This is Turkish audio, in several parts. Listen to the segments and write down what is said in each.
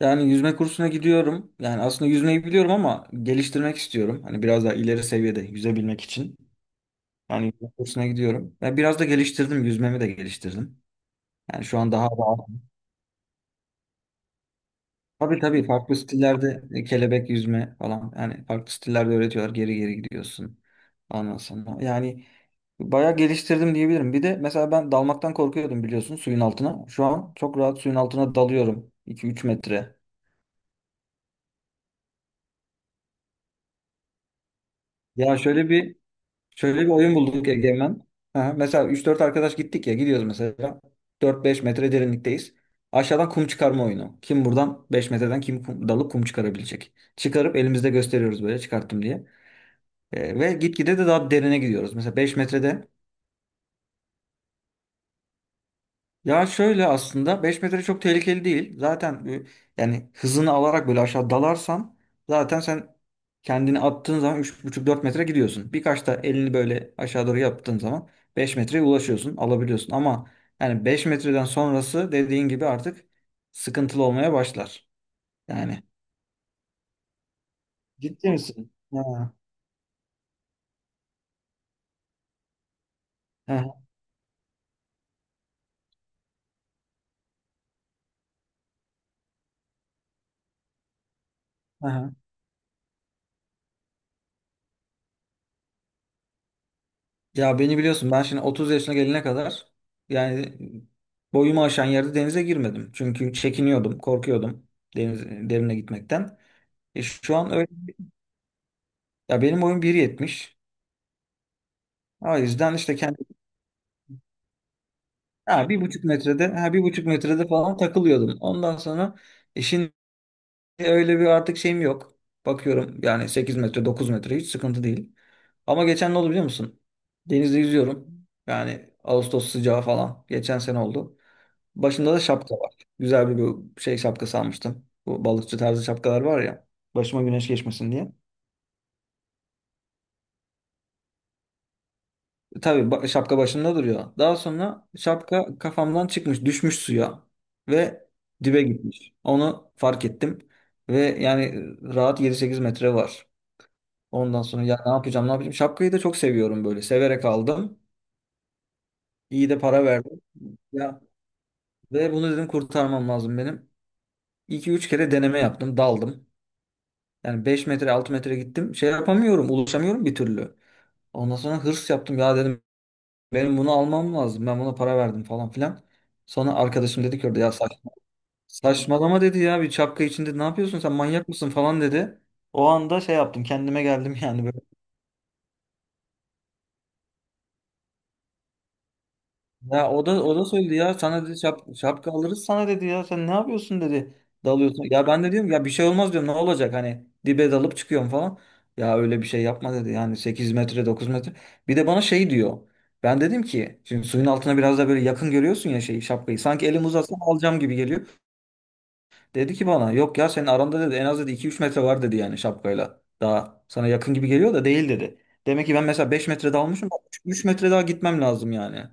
Yani yüzme kursuna gidiyorum. Yani aslında yüzmeyi biliyorum ama geliştirmek istiyorum. Hani biraz daha ileri seviyede yüzebilmek için. Yani yüzme kursuna gidiyorum. Ve biraz da geliştirdim. Yüzmemi de geliştirdim. Yani şu an daha rahat. Tabii tabii farklı stillerde kelebek yüzme falan. Yani farklı stillerde öğretiyorlar. Geri geri gidiyorsun. Ondan sonra. Yani bayağı geliştirdim diyebilirim. Bir de mesela ben dalmaktan korkuyordum biliyorsun suyun altına. Şu an çok rahat suyun altına dalıyorum. 2-3 metre. Ya şöyle bir Şöyle bir oyun bulduk Egemen. Aha, mesela üç dört arkadaş gittik ya gidiyoruz mesela. Dört beş metre derinlikteyiz. Aşağıdan kum çıkarma oyunu. Kim buradan 5 metreden kim kum, dalıp kum çıkarabilecek. Çıkarıp elimizde gösteriyoruz böyle çıkarttım diye. Ve gitgide de daha derine gidiyoruz. Mesela 5 metrede Ya şöyle aslında 5 metre çok tehlikeli değil. Zaten yani hızını alarak böyle aşağı dalarsan zaten sen kendini attığın zaman üç buçuk dört metre gidiyorsun. Birkaç da elini böyle aşağı doğru yaptığın zaman 5 metreye ulaşıyorsun, alabiliyorsun. Ama yani 5 metreden sonrası dediğin gibi artık sıkıntılı olmaya başlar. Yani. Ciddi misin? Ha, ha, ha. Ya beni biliyorsun ben şimdi 30 yaşına gelene kadar yani boyumu aşan yerde denize girmedim. Çünkü çekiniyordum, korkuyordum deniz derine gitmekten. E şu an öyle. Ya benim boyum bir yetmiş. O yüzden işte kendi Ha, 1,5 metrede falan takılıyordum. Ondan sonra şimdi öyle bir artık şeyim yok. Bakıyorum yani 8 metre 9 metre hiç sıkıntı değil. Ama geçen ne oldu biliyor musun? Denizde yüzüyorum. Yani Ağustos sıcağı falan. Geçen sene oldu. Başımda da şapka var. Güzel bir bu şey şapkası almıştım. Bu balıkçı tarzı şapkalar var ya. Başıma güneş geçmesin diye. Tabii şapka başımda duruyor. Daha sonra şapka kafamdan çıkmış, düşmüş suya ve dibe gitmiş. Onu fark ettim ve yani rahat 7-8 metre var. Ondan sonra ya ne yapacağım, ne yapacağım? Şapkayı da çok seviyorum böyle. Severek aldım. İyi de para verdim. Ya ve bunu dedim kurtarmam lazım benim. 2 üç kere deneme yaptım, daldım. Yani 5-6 metre gittim. Şey yapamıyorum. Ulaşamıyorum bir türlü. Ondan sonra hırs yaptım. Ya dedim benim bunu almam lazım. Ben buna para verdim falan filan. Sonra arkadaşım dedi ki orada ya saçmalama dedi ya bir şapka içinde ne yapıyorsun sen manyak mısın falan dedi. O anda şey yaptım kendime geldim yani. Ya o da söyledi ya sana dedi şapka alırız sana dedi ya sen ne yapıyorsun dedi dalıyorsun. Ya ben de diyorum ya bir şey olmaz diyorum ne olacak hani dibe dalıp çıkıyorum falan. Ya öyle bir şey yapma dedi yani 8-9 metre. Bir de bana şey diyor. Ben dedim ki şimdi suyun altına biraz da böyle yakın görüyorsun ya şeyi şapkayı. Sanki elim uzatsam alacağım gibi geliyor. Dedi ki bana yok ya senin aranda dedi en az dedi 2-3 metre var dedi yani şapkayla. Daha sana yakın gibi geliyor da değil dedi. Demek ki ben mesela 5 metre dalmışım 3 metre daha gitmem lazım yani.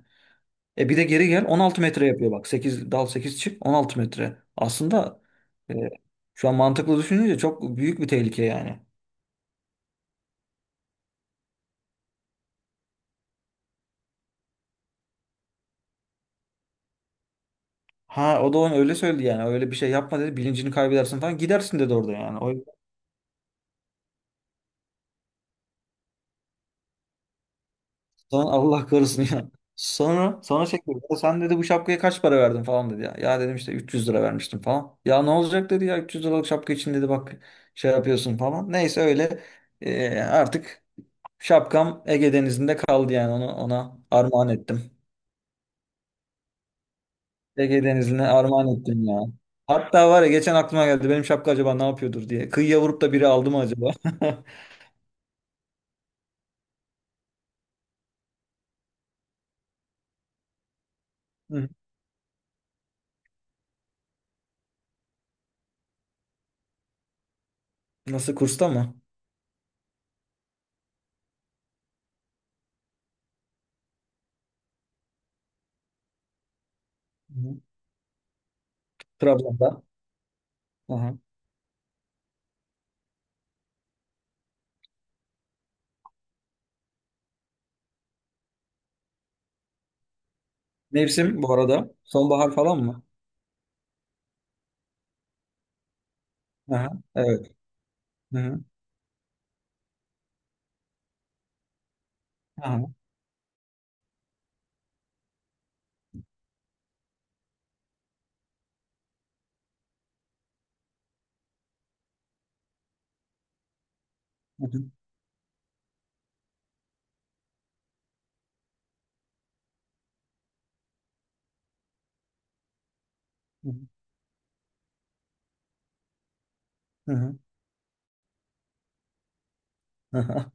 E bir de geri gel 16 metre yapıyor bak. 8 dal 8 çık 16 metre. Aslında e, şu an mantıklı düşününce çok büyük bir tehlike yani. Ha o da onu öyle söyledi yani. Öyle bir şey yapma dedi. Bilincini kaybedersin falan. Gidersin dedi orada yani. O yüzden sana Allah korusun ya. Sonra şey dedi. "Ya sen dedi bu şapkaya kaç para verdin falan dedi ya." Ya dedim işte 300 lira vermiştim falan. Ya ne olacak dedi ya 300 liralık şapka için dedi bak şey yapıyorsun falan. Neyse öyle artık şapkam Ege Denizi'nde kaldı yani onu ona armağan ettim. Ege Denizi'ne armağan ettim ya. Hatta var ya geçen aklıma geldi benim şapka acaba ne yapıyordur diye. Kıyıya vurup da biri aldı mı acaba? Hı. Nasıl, kursta mı? Hı. Trabzon'da. Aha. Mevsim bu arada. Sonbahar falan mı? Aha. Evet. Hı-hı. Aha. Hı-hı. Hı-hı. Hı-hı.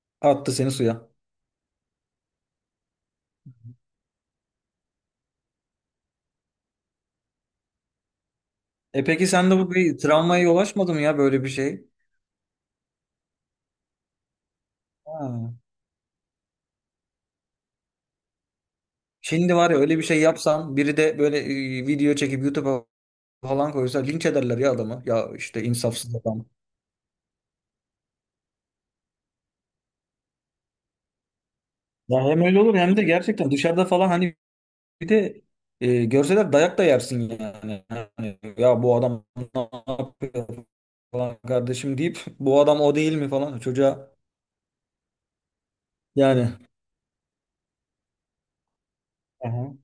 Attı seni suya. E peki sen de bu bir travmaya yol açmadı mı ya böyle bir şey? Ha. Şimdi var ya öyle bir şey yapsan biri de böyle video çekip YouTube'a falan koysa linç ederler ya adamı. Ya işte insafsız adam. Ya hem öyle olur hem de gerçekten dışarıda falan hani bir de görseler dayak da yersin yani. Hani, ya bu adam ne yapıyor falan kardeşim deyip bu adam o değil mi falan çocuğa yani. Aha,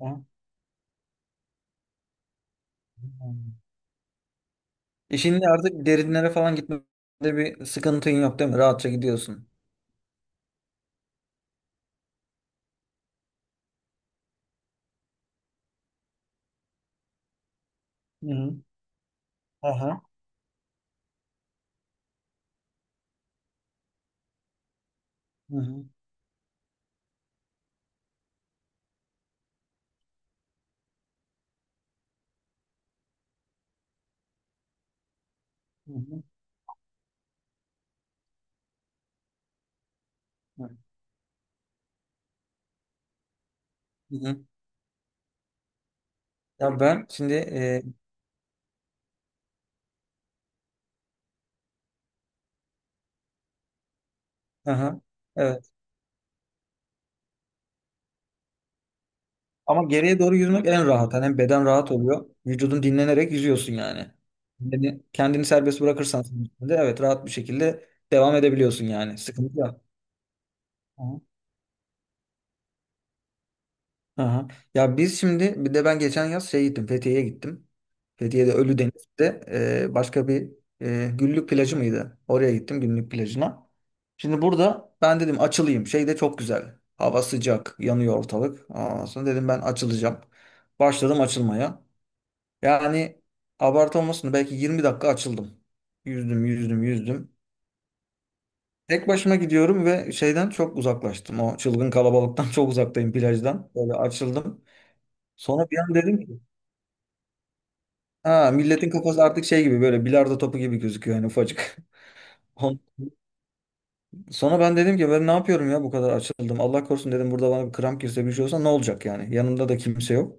aha. İşinde artık derinlere falan gitmede bir sıkıntın yok değil mi? Rahatça gidiyorsun. Hı hı. Aha. Hı hı. Hı hı. Hı hı. Ya ben şimdi aha, evet. Ama geriye doğru yüzmek en rahat. Hani hem beden rahat oluyor. Vücudun dinlenerek yüzüyorsun yani. Yani kendini serbest bırakırsan suyun içinde, evet rahat bir şekilde devam edebiliyorsun yani. Sıkıntı yok. Aha. Aha. Ya biz şimdi bir de ben geçen yaz şey gittim Fethiye'ye gittim. Fethiye'de Ölüdeniz'de başka bir Güllük plajı mıydı? Oraya gittim Güllük plajına. Şimdi burada ben dedim açılayım. Şey de çok güzel. Hava sıcak, yanıyor ortalık. Ondan sonra dedim ben açılacağım. Başladım açılmaya. Yani abartı olmasın da belki 20 dakika açıldım. Yüzdüm, yüzdüm, yüzdüm. Tek başıma gidiyorum ve şeyden çok uzaklaştım. O çılgın kalabalıktan çok uzaktayım plajdan. Böyle açıldım. Sonra bir an dedim ki ha, milletin kafası artık şey gibi böyle bilardo topu gibi gözüküyor yani ufacık. On- Sonra ben dedim ki ben ne yapıyorum ya bu kadar açıldım. Allah korusun dedim, burada bana bir kramp girse bir şey olsa ne olacak yani. Yanımda da kimse yok.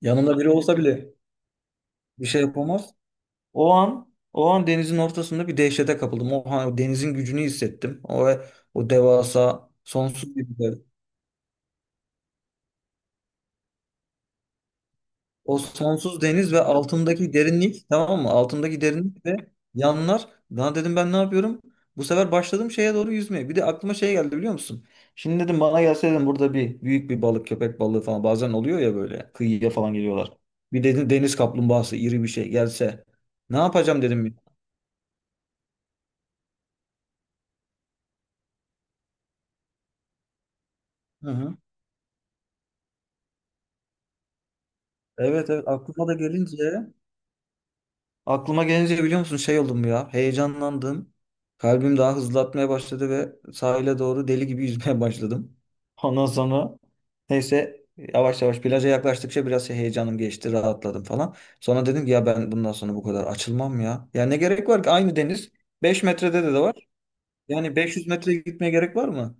Yanımda biri olsa bile bir şey yapamaz. O an denizin ortasında bir dehşete kapıldım. O, denizin gücünü hissettim. O devasa sonsuz bir. O sonsuz deniz ve altındaki derinlik tamam mı? Altındaki derinlik ve yanlar. Daha dedim ben ne yapıyorum? Bu sefer başladım şeye doğru yüzmeye. Bir de aklıma şey geldi biliyor musun? Şimdi dedim bana gelse dedim burada bir büyük bir balık, köpek balığı falan bazen oluyor ya böyle kıyıya falan geliyorlar. Bir dedim deniz kaplumbağası iri bir şey gelse ne yapacağım dedim. Hı hı. Evet evet aklıma gelince biliyor musun şey oldum ya. Heyecanlandım. Kalbim daha hızlı atmaya başladı ve sahile doğru deli gibi yüzmeye başladım. Ondan sonra neyse yavaş yavaş plaja yaklaştıkça biraz şey heyecanım geçti, rahatladım falan. Sonra dedim ki ya ben bundan sonra bu kadar açılmam ya. Ya ne gerek var ki aynı deniz 5 metrede de var. Yani 500 metre gitmeye gerek var mı?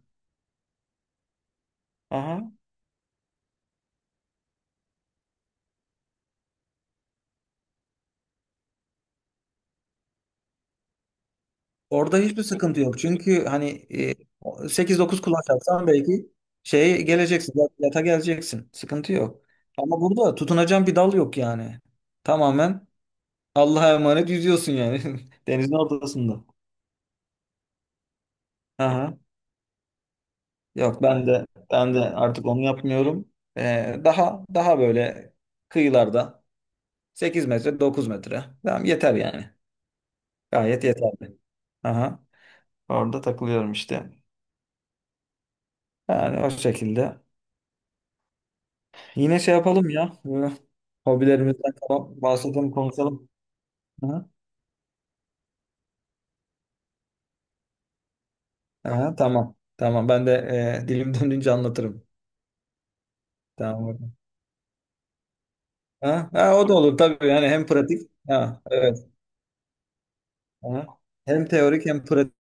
Aha. Orada hiçbir sıkıntı yok. Çünkü hani 8-9 kulaç atsan belki şeye geleceksin. Yata geleceksin. Sıkıntı yok. Ama burada tutunacağın bir dal yok yani. Tamamen Allah'a emanet yüzüyorsun yani. Denizin ortasında. Aha. Yok ben de artık onu yapmıyorum. Daha daha böyle kıyılarda 8-9 metre. Tamam yeter yani. Gayet yeterli. Aha. Orada takılıyorum işte. Yani o şekilde. Yine şey yapalım ya. Böyle hobilerimizden falan bahsedelim, konuşalım. Aha, aha, tamam. Tamam. Ben de dilim döndüğünce anlatırım. Tamam. Ha, ha, o da olur tabii. Yani hem pratik. Ha, evet. Aha. Hem teorik hem pratik.